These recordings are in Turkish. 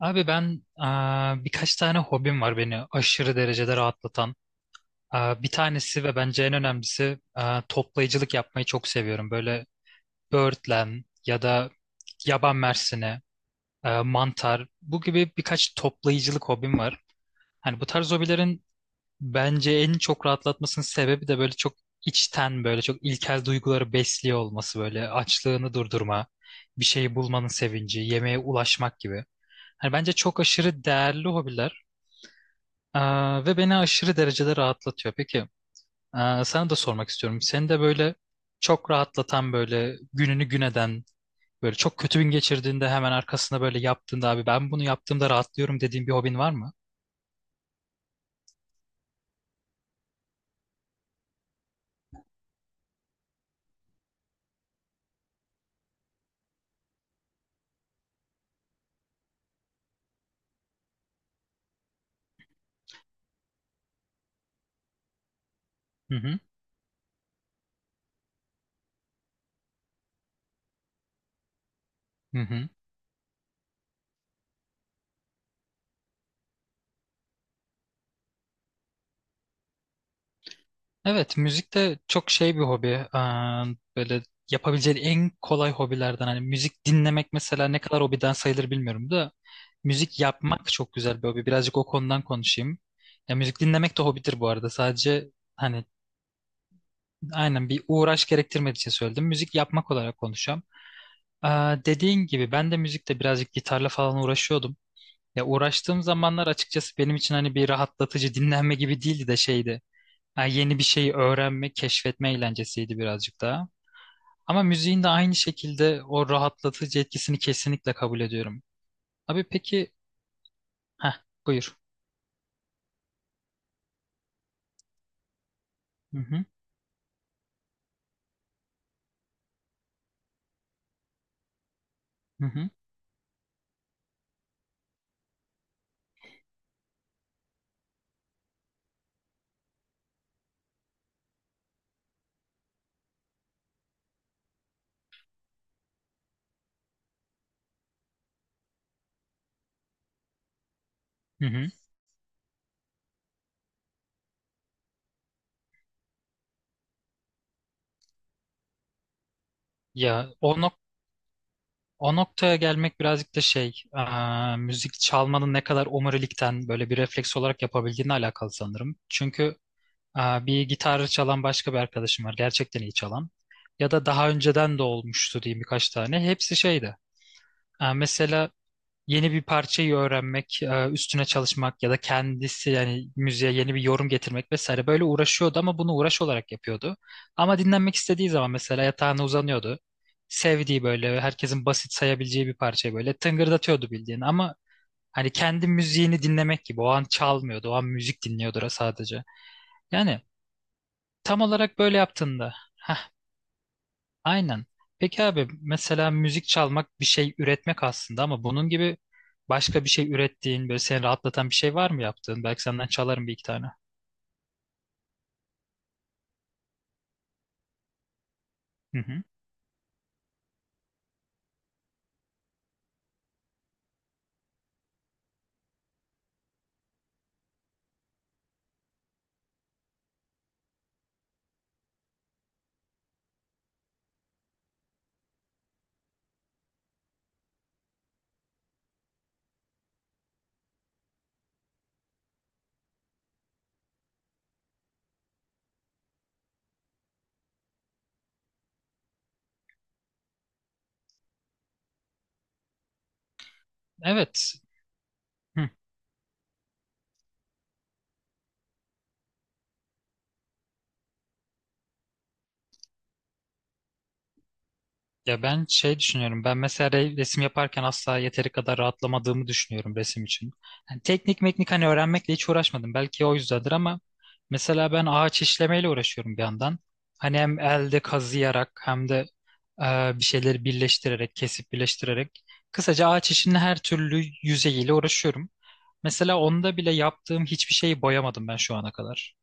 Abi ben birkaç tane hobim var beni aşırı derecede rahatlatan. Bir tanesi ve bence en önemlisi toplayıcılık yapmayı çok seviyorum. Böyle böğürtlen ya da yaban mersini, mantar bu gibi birkaç toplayıcılık hobim var. Hani bu tarz hobilerin bence en çok rahatlatmasının sebebi de böyle çok içten böyle çok ilkel duyguları besliyor olması böyle açlığını durdurma, bir şeyi bulmanın sevinci, yemeğe ulaşmak gibi. Hani bence çok aşırı değerli hobiler. Ve beni aşırı derecede rahatlatıyor. Peki, sana da sormak istiyorum. Seni de böyle çok rahatlatan böyle gününü gün eden böyle çok kötü gün geçirdiğinde hemen arkasında böyle yaptığında abi ben bunu yaptığımda rahatlıyorum dediğin bir hobin var mı? Hı hı. Hı hı. Evet, müzik de çok şey bir hobi. Böyle yapabileceğin en kolay hobilerden hani müzik dinlemek mesela ne kadar hobiden sayılır bilmiyorum da müzik yapmak çok güzel bir hobi. Birazcık o konudan konuşayım. Ya müzik dinlemek de hobidir bu arada. Sadece hani aynen bir uğraş gerektirmediği için söyledim. Müzik yapmak olarak konuşacağım. Dediğin gibi ben de müzikte birazcık gitarla falan uğraşıyordum. Ya uğraştığım zamanlar açıkçası benim için hani bir rahatlatıcı dinlenme gibi değildi de şeydi. Ha, yeni bir şeyi öğrenme, keşfetme eğlencesiydi birazcık daha. Ama müziğin de aynı şekilde o rahatlatıcı etkisini kesinlikle kabul ediyorum. Abi peki, ha buyur. Hı hı, hı hı, hı hı. Ya, o noktaya gelmek birazcık da şey, müzik çalmanın ne kadar omurilikten böyle bir refleks olarak yapabildiğine alakalı sanırım. Çünkü bir gitarı çalan başka bir arkadaşım var, gerçekten iyi çalan. Ya da daha önceden de olmuştu diyeyim birkaç tane. Hepsi şeydi. Mesela yeni bir parçayı öğrenmek, üstüne çalışmak ya da kendisi yani müziğe yeni bir yorum getirmek vesaire böyle uğraşıyordu ama bunu uğraş olarak yapıyordu. Ama dinlenmek istediği zaman mesela yatağına uzanıyordu. Sevdiği böyle herkesin basit sayabileceği bir parçayı böyle tıngırdatıyordu bildiğin ama hani kendi müziğini dinlemek gibi o an çalmıyordu, o an müzik dinliyordu sadece. Yani tam olarak böyle yaptığında. Aynen. Peki abi mesela müzik çalmak bir şey üretmek aslında ama bunun gibi başka bir şey ürettiğin böyle seni rahatlatan bir şey var mı yaptığın? Belki senden çalarım bir iki tane. Hı hı. Evet. Ya ben şey düşünüyorum. Ben mesela resim yaparken asla yeteri kadar rahatlamadığımı düşünüyorum resim için. Yani teknik meknik hani öğrenmekle hiç uğraşmadım. Belki o yüzdendir ama mesela ben ağaç işlemeyle uğraşıyorum bir yandan. Hani hem elde kazıyarak hem de bir şeyleri birleştirerek, kesip birleştirerek. Kısaca ağaç işinin her türlü yüzeyiyle uğraşıyorum. Mesela onda bile yaptığım hiçbir şeyi boyamadım ben şu ana kadar.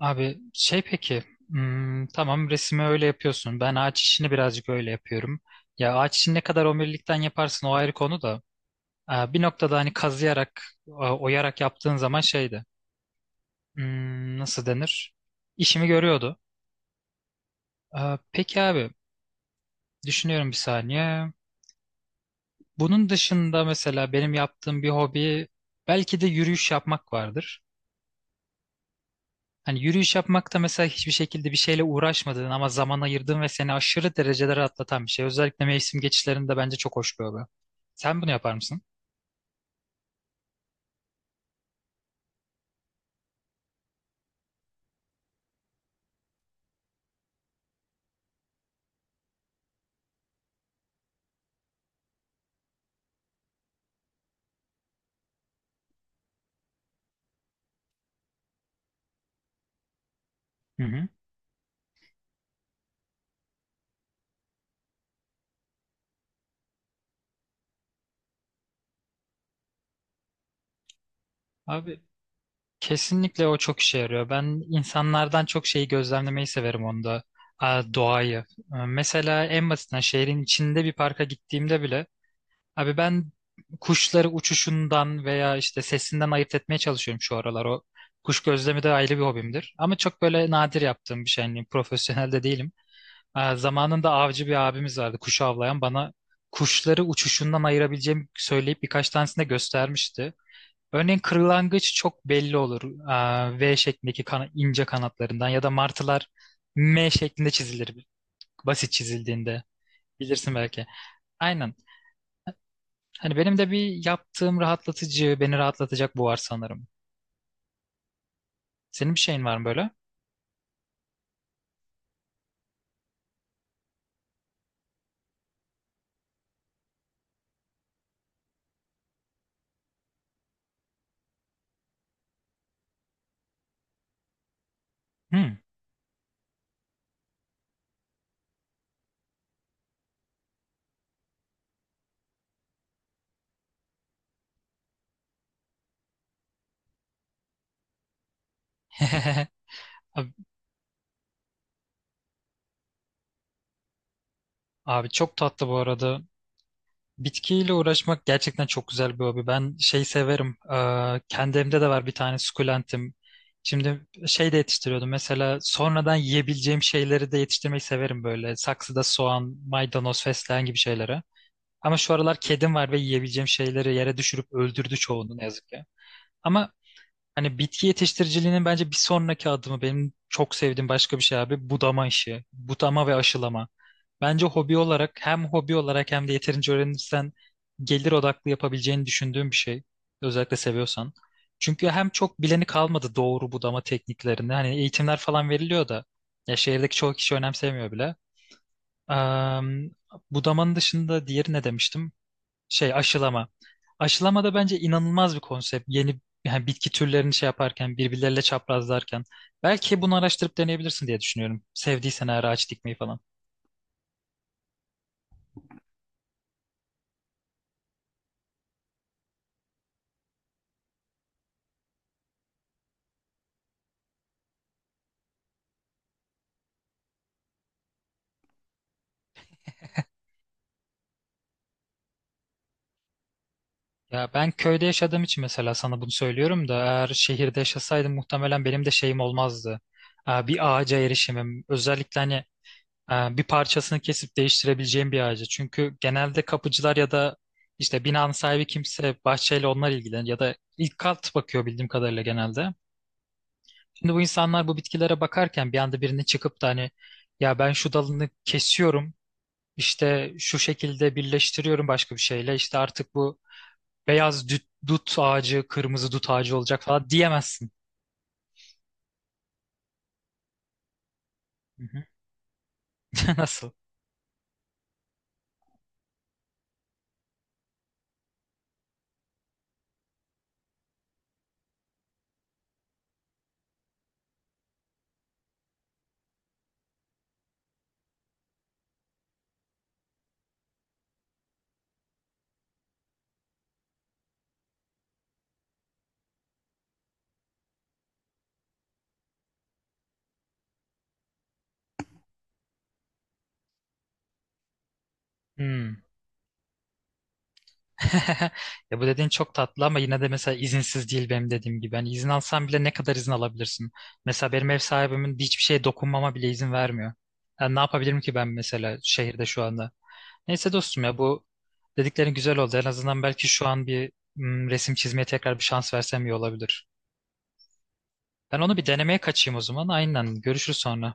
Abi şey peki tamam resmi öyle yapıyorsun. Ben ağaç işini birazcık öyle yapıyorum. Ya ağaç işini ne kadar omurilikten yaparsın o ayrı konu da. Bir noktada hani kazıyarak, oyarak yaptığın zaman şeydi. Nasıl denir? İşimi görüyordu. Peki abi düşünüyorum bir saniye. Bunun dışında mesela benim yaptığım bir hobi belki de yürüyüş yapmak vardır. Hani yürüyüş yapmak da mesela hiçbir şekilde bir şeyle uğraşmadığın ama zaman ayırdığın ve seni aşırı derecede rahatlatan bir şey. Özellikle mevsim geçişlerinde bence çok hoş bir hobi. Sen bunu yapar mısın? Hı hı. Abi kesinlikle o çok işe yarıyor. Ben insanlardan çok şeyi gözlemlemeyi severim onda. Doğayı. Mesela en basitinden şehrin içinde bir parka gittiğimde bile abi ben kuşları uçuşundan veya işte sesinden ayırt etmeye çalışıyorum şu aralar. O kuş gözlemi de ayrı bir hobimdir. Ama çok böyle nadir yaptığım bir şey. Yani profesyonel de değilim. Zamanında avcı bir abimiz vardı kuşu avlayan bana kuşları uçuşundan ayırabileceğimi söyleyip birkaç tanesini de göstermişti. Örneğin kırlangıç çok belli olur. V şeklindeki ince kanatlarından ya da martılar M şeklinde çizilir basit çizildiğinde. Bilirsin belki. Aynen. Hani benim de bir yaptığım rahatlatıcı, beni rahatlatacak bu var sanırım. Senin bir şeyin var mı böyle? Hmm. Abi, abi çok tatlı bu arada. Bitkiyle uğraşmak gerçekten çok güzel bir hobi. Ben şey severim. Kendi evimde de var bir tane sukulentim. Şimdi şey de yetiştiriyordum. Mesela sonradan yiyebileceğim şeyleri de yetiştirmeyi severim böyle. Saksıda soğan, maydanoz, fesleğen gibi şeylere. Ama şu aralar kedim var ve yiyebileceğim şeyleri yere düşürüp öldürdü çoğunu ne yazık ki. Ama hani bitki yetiştiriciliğinin bence bir sonraki adımı benim çok sevdiğim başka bir şey abi budama işi. Budama ve aşılama. Bence hobi olarak hem hobi olarak hem de yeterince öğrenirsen gelir odaklı yapabileceğini düşündüğüm bir şey. Özellikle seviyorsan. Çünkü hem çok bileni kalmadı doğru budama tekniklerini. Hani eğitimler falan veriliyor da ya şehirdeki çoğu kişi önemsemiyor bile. Am, Budamanın dışında diğeri ne demiştim? Şey aşılama. Aşılama da bence inanılmaz bir konsept. Yeni yani bitki türlerini şey yaparken, birbirleriyle çaprazlarken. Belki bunu araştırıp deneyebilirsin diye düşünüyorum. Sevdiysen eğer ağaç dikmeyi falan. Ya ben köyde yaşadığım için mesela sana bunu söylüyorum da eğer şehirde yaşasaydım muhtemelen benim de şeyim olmazdı. Bir ağaca erişimim. Özellikle hani bir parçasını kesip değiştirebileceğim bir ağacı. Çünkü genelde kapıcılar ya da işte binanın sahibi kimse bahçeyle onlar ilgilenir ya da ilk kat bakıyor bildiğim kadarıyla genelde. Şimdi bu insanlar bu bitkilere bakarken bir anda birinin çıkıp da hani ya ben şu dalını kesiyorum işte şu şekilde birleştiriyorum başka bir şeyle işte artık bu beyaz dut, dut ağacı kırmızı dut ağacı olacak falan diyemezsin. Hı hı. Nasıl? Hmm. Ya bu dediğin çok tatlı ama yine de mesela izinsiz değil benim dediğim gibi. Hani izin alsan bile ne kadar izin alabilirsin? Mesela benim ev sahibimin hiçbir şeye dokunmama bile izin vermiyor. Yani ne yapabilirim ki ben mesela şehirde şu anda? Neyse dostum ya bu dediklerin güzel oldu. En azından belki şu an bir resim çizmeye tekrar bir şans versem iyi olabilir. Ben onu bir denemeye kaçayım o zaman. Aynen görüşürüz sonra.